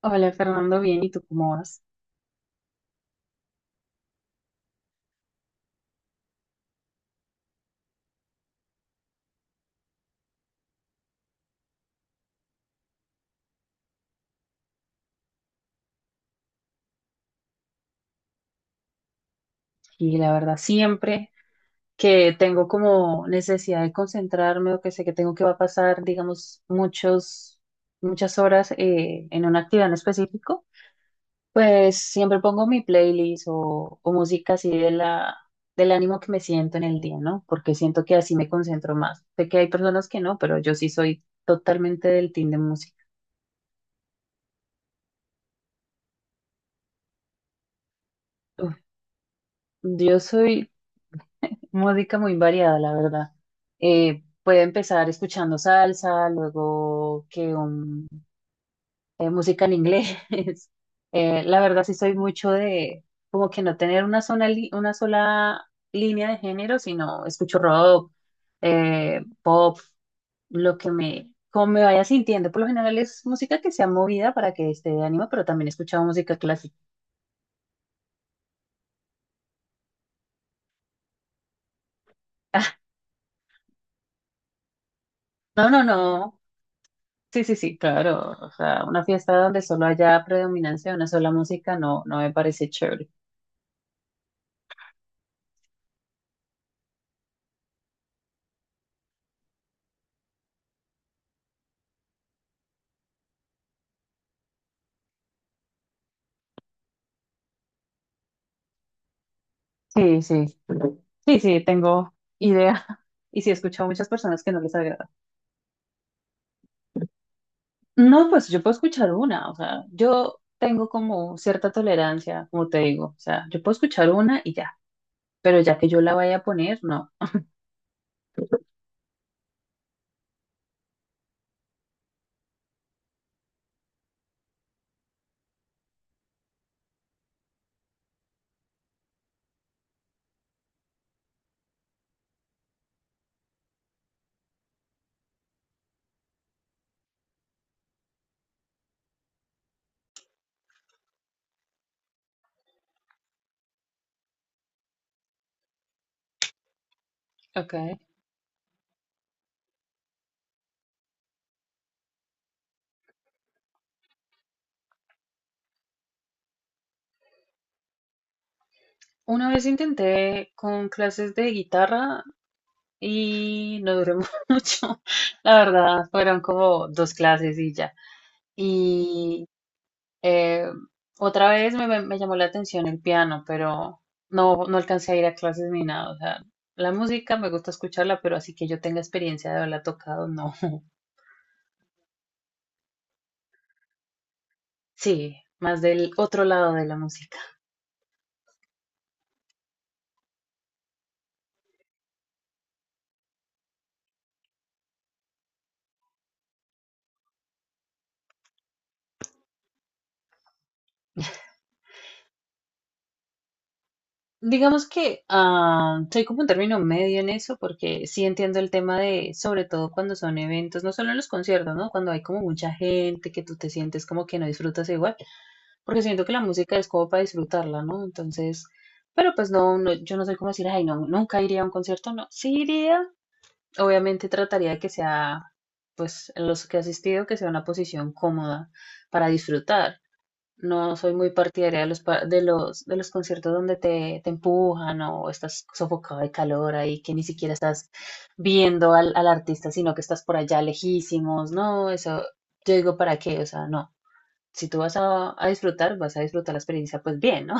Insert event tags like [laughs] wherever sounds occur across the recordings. Hola Fernando, bien, ¿y tú cómo vas? Y la verdad, siempre que tengo como necesidad de concentrarme o que sé que tengo que va a pasar, digamos, muchas horas en una actividad en específico, pues siempre pongo mi playlist o música así de del ánimo que me siento en el día, ¿no? Porque siento que así me concentro más. Sé que hay personas que no, pero yo sí soy totalmente del team de música. Uf, yo soy música muy variada, la verdad. Puede empezar escuchando salsa, música en inglés. [laughs] La verdad sí soy mucho de como que no tener una sola línea de género, sino escucho rock, pop, lo que me, como me vaya sintiendo. Por lo general es música que sea movida para que esté de ánimo, pero también he escuchado música clásica. [laughs] No, no, no. Sí, sí, sí, claro. O sea, una fiesta donde solo haya predominancia de una sola música no, no me parece chévere. Sí, sí. Sí, sí, tengo idea. [laughs] Y sí, he escuchado a muchas personas que no les agrada. No, pues yo puedo escuchar una. O sea, yo tengo como cierta tolerancia, como te digo. O sea, yo puedo escuchar una y ya. Pero ya que yo la vaya a poner, no. Ok. Una vez intenté con clases de guitarra y no duró [laughs] mucho. La verdad, fueron como dos clases y ya. Y eh, Otra vez me llamó la atención el piano, pero no, no alcancé a ir a clases ni nada. O sea, la música me gusta escucharla, pero así que yo tenga experiencia de haberla tocado, no. [laughs] Sí, más del otro lado de la música. Digamos que soy como un término medio en eso, porque sí entiendo el tema de, sobre todo cuando son eventos, no solo en los conciertos, ¿no? Cuando hay como mucha gente que tú te sientes como que no disfrutas igual. Porque siento que la música es como para disfrutarla, ¿no? Entonces, pero pues no, no, yo no soy como decir, ay, no, nunca iría a un concierto, no, sí iría, obviamente trataría de que sea, pues los que he asistido, que sea una posición cómoda para disfrutar. No soy muy partidaria de los, pa- de los conciertos donde te empujan o estás sofocado de calor ahí, que ni siquiera estás viendo al artista, sino que estás por allá lejísimos, no, eso, yo digo, ¿para qué? O sea, no si tú vas a disfrutar, vas a disfrutar la experiencia, pues bien, ¿no?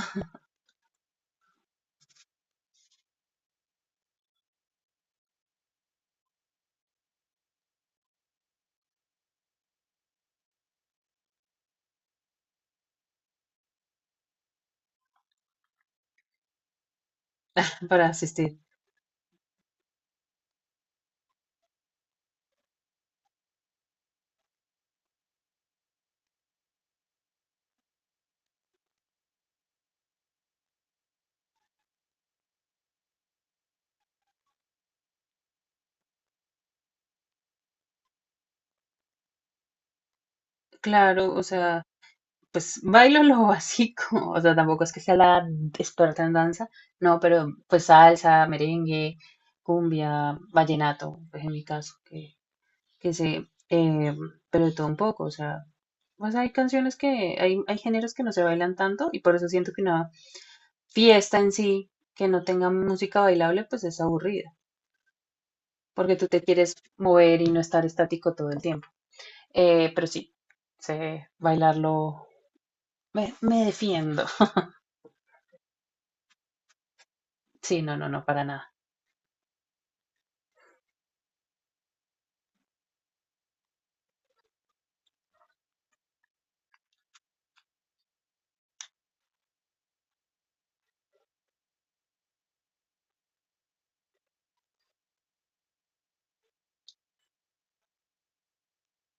[laughs] Para asistir. Claro, o sea, pues bailo lo básico, [laughs] o sea, tampoco es que sea la experta en danza, no, pero pues salsa, merengue, cumbia, vallenato, pues en mi caso, que sé, pero de todo un poco, o sea, pues hay canciones hay géneros que no se bailan tanto y por eso siento que una fiesta en sí que no tenga música bailable, pues es aburrida, porque tú te quieres mover y no estar estático todo el tiempo. Pero sí, sé bailarlo. Me defiendo. [laughs] Sí, no, no, no, para nada.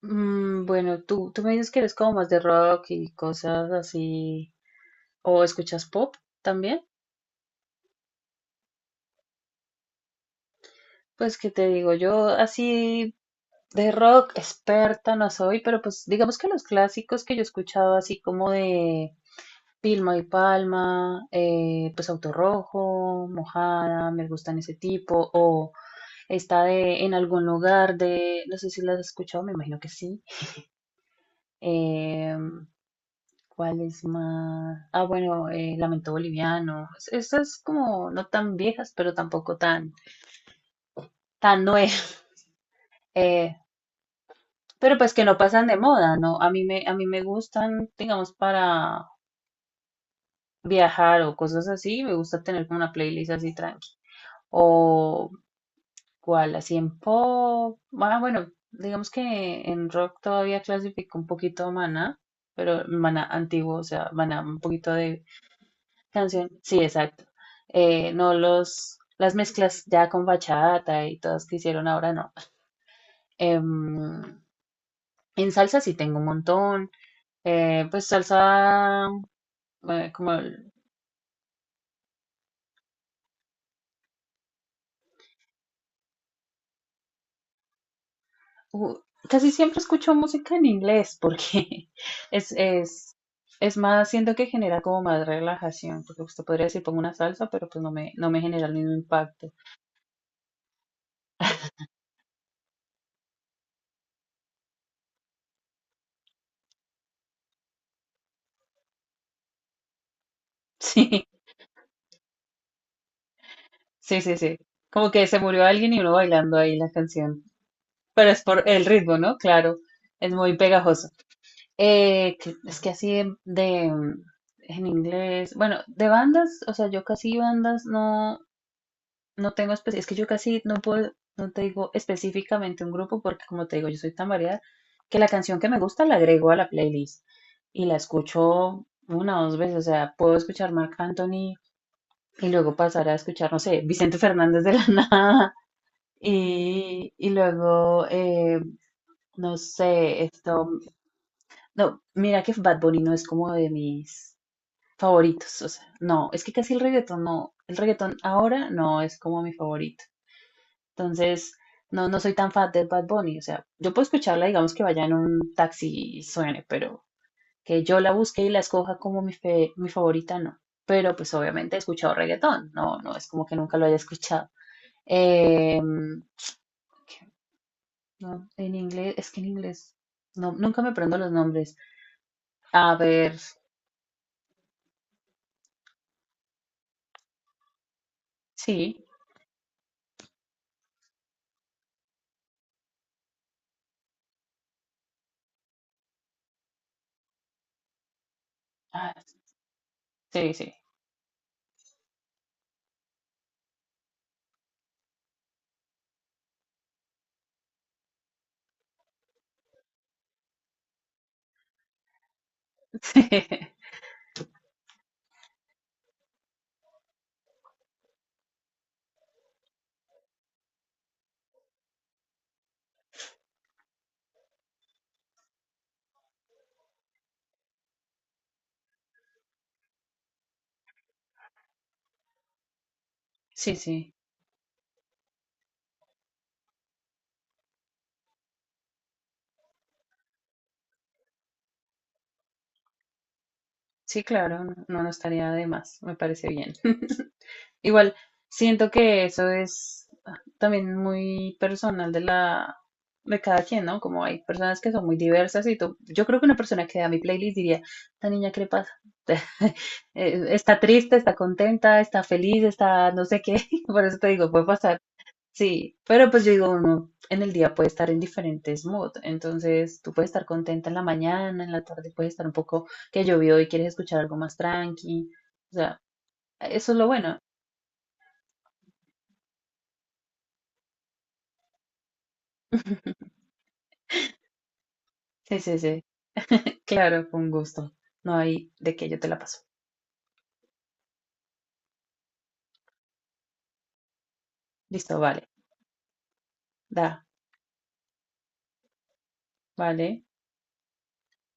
Mm, bueno, tú me dices que eres como más de rock y cosas así. ¿O escuchas pop también? Pues que te digo, yo así de rock experta no soy, pero pues digamos que los clásicos que yo he escuchado así como de Vilma y Palma, pues Auto Rojo, Mojada, me gustan ese tipo, o Está de en algún lugar de, no sé si la has escuchado, me imagino que sí. Eh, ¿Cuál es más? Ah, bueno, Lamento Boliviano. Estas como no tan viejas, pero tampoco tan, tan nuevas. [laughs] Eh, pero pues que no pasan de moda, ¿no? A mí me gustan, digamos, para viajar o cosas así. Me gusta tener como una playlist así tranqui. O ¿cuál? Así en pop. Ah, bueno, digamos que en rock todavía clasifico un poquito a Maná, pero Maná antiguo, o sea, Maná un poquito de canción. Sí, exacto. No las mezclas ya con bachata y todas que hicieron ahora, no. Em, en salsa sí tengo un montón. Pues salsa, eh, como u- casi siempre escucho música en inglés porque [laughs] es, es, es más, siento que genera como más relajación, porque usted podría decir pongo una salsa, pero pues no me genera el mismo impacto. [laughs] Sí, sí, sí, sí. Como que se murió alguien y uno bailando ahí la canción. Pero es por el ritmo, ¿no? Claro, es muy pegajoso. Es que así en inglés, bueno, de bandas, o sea, yo casi bandas no. Es que yo casi no puedo, no te digo específicamente un grupo porque como te digo, yo soy tan variada que la canción que me gusta la agrego a la playlist y la escucho una o dos veces, o sea, puedo escuchar Marc Anthony y luego pasar a escuchar, no sé, Vicente Fernández de la [laughs] nada y luego, no sé, esto, no, mira que Bad Bunny no es como de mis favoritos, o sea, no, es que casi el reggaetón no, el reggaetón ahora no es como mi favorito. Entonces, no, no soy tan fan de Bad Bunny. O sea, yo puedo escucharla, digamos que vaya en un taxi y suene, pero que yo la busque y la escoja como mi favorita, no. Pero pues obviamente he escuchado reggaetón, no, no es como que nunca lo haya escuchado. Em, ¿Qué? No, en inglés, es que en inglés, no, nunca me prendo los nombres. A ver, sí, ah, sí, sí. [laughs] Sí, sí, sí, claro, no, no estaría de más, me parece bien. [laughs] Igual, siento que eso es también muy personal de la de cada quien, ¿no? Como hay personas que son muy diversas y tú, yo creo que una persona que vea mi playlist diría, ¿esta niña qué le pasa? [laughs] Está triste, está contenta, está feliz, está no sé qué, [laughs] por eso te digo, puede pasar. Sí, pero pues yo digo, uno en el día puede estar en diferentes moods, entonces tú puedes estar contenta en la mañana, en la tarde puedes estar un poco que llovió y quieres escuchar algo más tranqui, o sea, eso es lo bueno. [laughs] Sí, sí, sí. Claro, con gusto. No hay de que yo te la paso. Listo, vale. Da, vale.